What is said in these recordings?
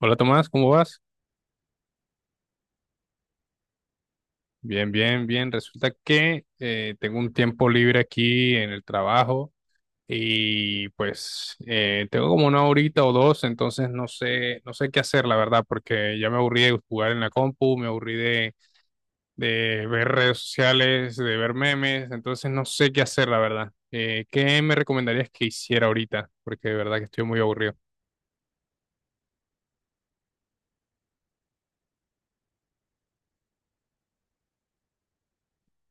Hola Tomás, ¿cómo vas? Bien, bien, bien. Resulta que tengo un tiempo libre aquí en el trabajo y pues tengo como una horita o dos. Entonces no sé, no sé qué hacer, la verdad, porque ya me aburrí de jugar en la compu, me aburrí de ver redes sociales, de ver memes. Entonces no sé qué hacer, la verdad. ¿Qué me recomendarías que hiciera ahorita? Porque de verdad que estoy muy aburrido.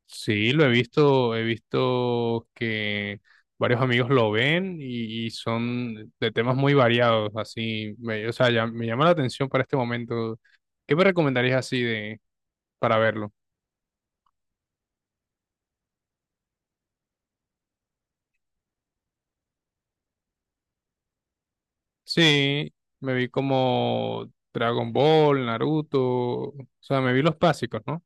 Sí, lo he visto que varios amigos lo ven y son de temas muy variados, así, o sea, ya, me llama la atención para este momento. ¿Qué me recomendarías así de para verlo? Sí, me vi como Dragon Ball, Naruto, o sea, me vi los básicos, ¿no?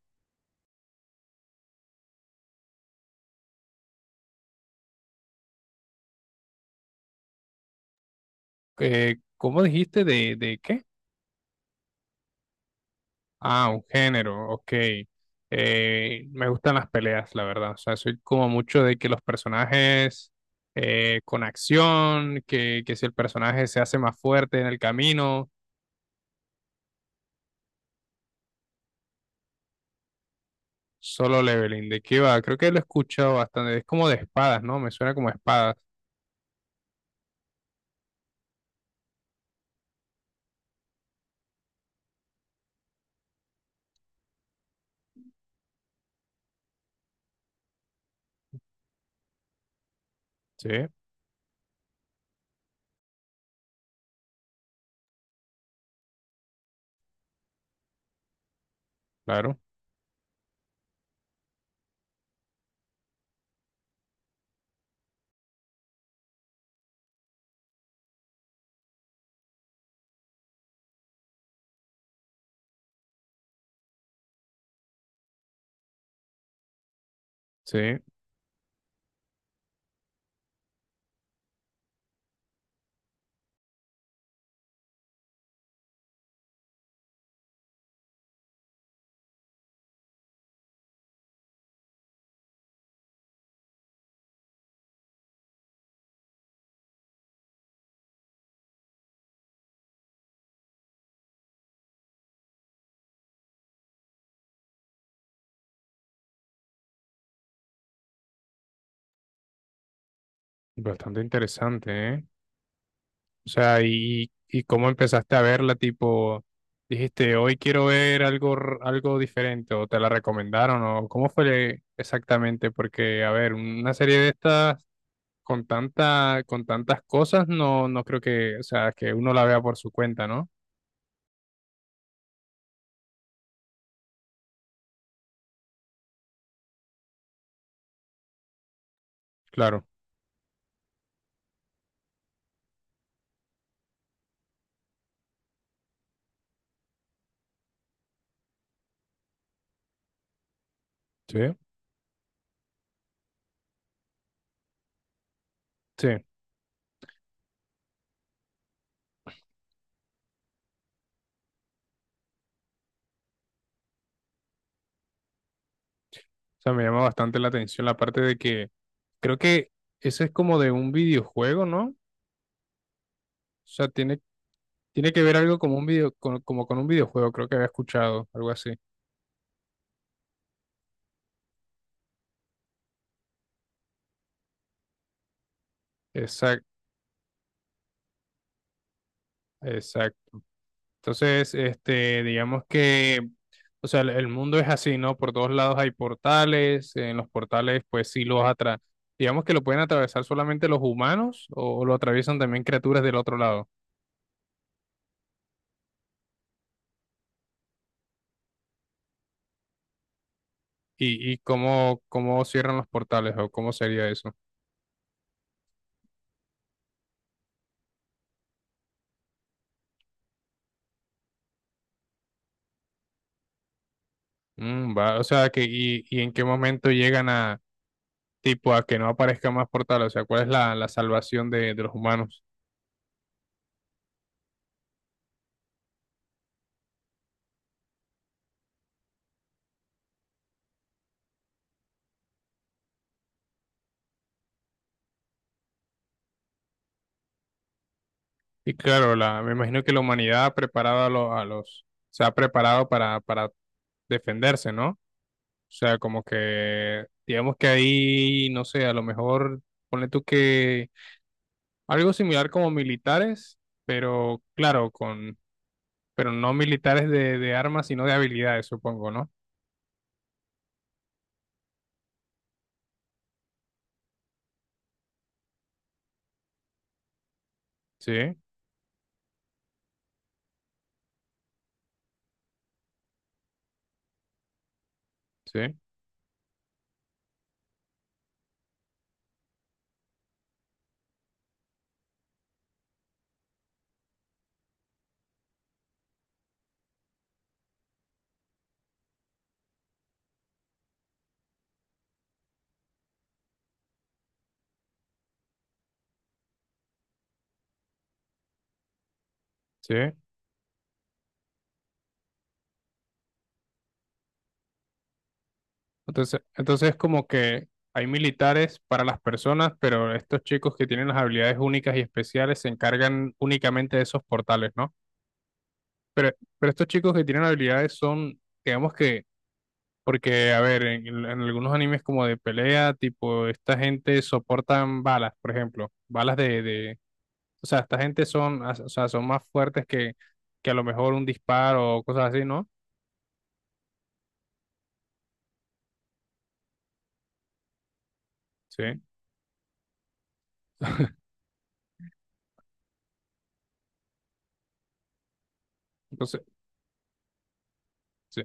¿Cómo dijiste de qué? Ah, un género, ok. Me gustan las peleas, la verdad. O sea, soy como mucho de que los personajes con acción, que si el personaje se hace más fuerte en el camino, solo leveling. ¿De qué va? Creo que lo he escuchado bastante. Es como de espadas, ¿no? Me suena como espadas. Sí, claro. Sí, bastante interesante, ¿eh? O sea, y cómo empezaste a verla, tipo, dijiste, hoy quiero ver algo, algo diferente, o te la recomendaron, o cómo fue exactamente, porque, a ver, una serie de estas con tanta, con tantas cosas, no, no creo que, o sea, que uno la vea por su cuenta, ¿no? Claro, sí, sí. O sea, me llama bastante la atención la parte de que creo que eso es como de un videojuego, ¿no? O sea, tiene, tiene que ver algo como un video, como con un videojuego, creo que había escuchado, algo así. Exacto, exacto. Entonces, este, digamos que, o sea, el mundo es así, ¿no? Por todos lados hay portales, en los portales, pues sí digamos que lo pueden atravesar solamente los humanos o lo atraviesan también criaturas del otro lado. ¿ y cómo, cómo cierran los portales o cómo sería eso? Mm, va, o sea, que, y en qué momento llegan a, tipo, a que no aparezcan más portales, o sea, ¿cuál es la, la salvación de los humanos? Y claro, la, me imagino que la humanidad ha preparado a, a los, se ha preparado para defenderse, ¿no? O sea, como que, digamos que ahí, no sé, a lo mejor, ponle tú que algo similar como militares, pero claro, con, pero no militares de armas, sino de habilidades, supongo, ¿no? Sí, sí, sí. Entonces, entonces como que hay militares para las personas, pero estos chicos que tienen las habilidades únicas y especiales se encargan únicamente de esos portales, ¿no? Pero, pero estos chicos que tienen habilidades son, digamos que, porque, a ver, en algunos animes como de pelea, tipo, esta gente soportan balas, por ejemplo, balas de, o sea, esta gente son, o sea, son más fuertes que a lo mejor un disparo o cosas así, ¿no? Sí, entonces, sí,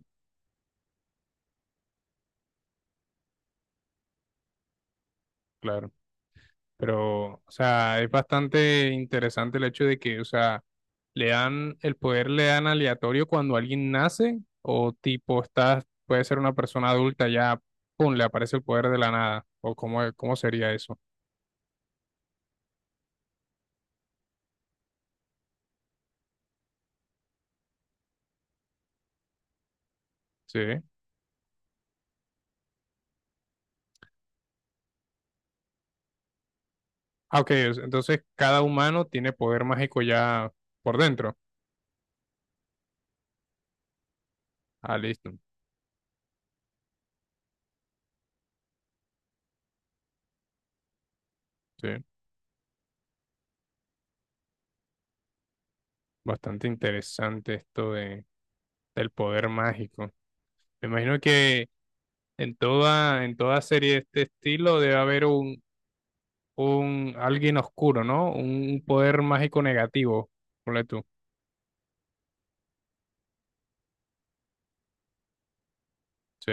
claro. Pero, o sea, es bastante interesante el hecho de que, o sea, le dan, el poder le dan aleatorio cuando alguien nace, o tipo, estás, puede ser una persona adulta ya, pum, le aparece el poder de la nada, o cómo, cómo sería eso, ¿sí? Ah, ok, entonces cada humano tiene poder mágico ya por dentro. Ah, listo, sí. Bastante interesante esto de, del poder mágico. Me imagino que en toda serie de este estilo debe haber un alguien oscuro, ¿no? Un poder mágico negativo, ponle tú, ¿sí?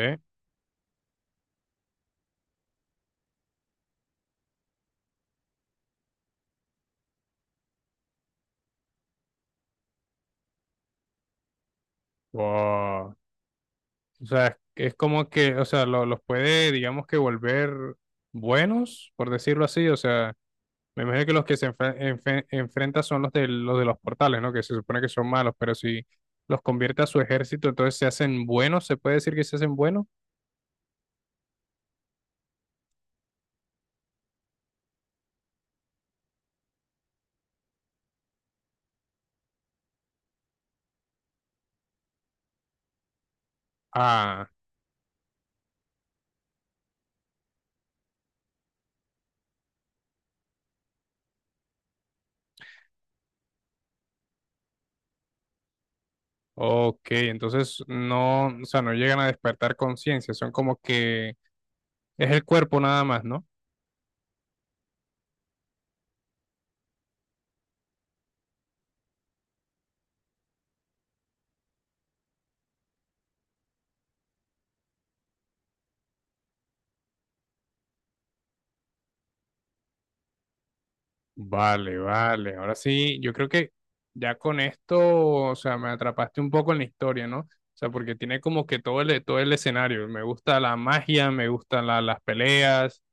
Wow. O sea, es como que, o sea, los puede, digamos que volver buenos, por decirlo así, o sea, me imagino que los que enfrenta son los de los portales, ¿no? Que se supone que son malos, pero si los convierte a su ejército, entonces se hacen buenos, ¿se puede decir que se hacen buenos? Ah, ok, entonces no, o sea, no llegan a despertar conciencia, son como que es el cuerpo nada más, ¿no? Vale, vale. Ahora sí, yo creo que ya con esto, o sea, me atrapaste un poco en la historia, ¿no? O sea, porque tiene como que todo el escenario. Me gusta la magia, me gustan las peleas,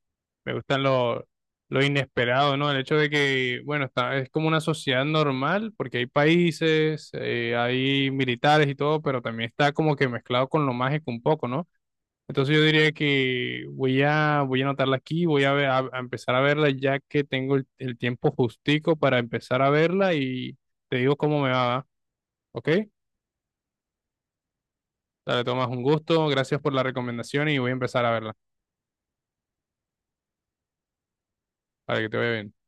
me gustan lo inesperado, ¿no? El hecho de que, bueno, está, es como una sociedad normal, porque hay países, hay militares y todo, pero también está como que mezclado con lo mágico un poco, ¿no? Entonces yo diría que voy a, voy a anotarla aquí, voy a, a empezar a verla ya que tengo el tiempo justico para empezar a verla y te digo cómo me va, ¿va? ¿Ok? Dale, Tomás, un gusto, gracias por la recomendación y voy a empezar a verla para que te vaya bien.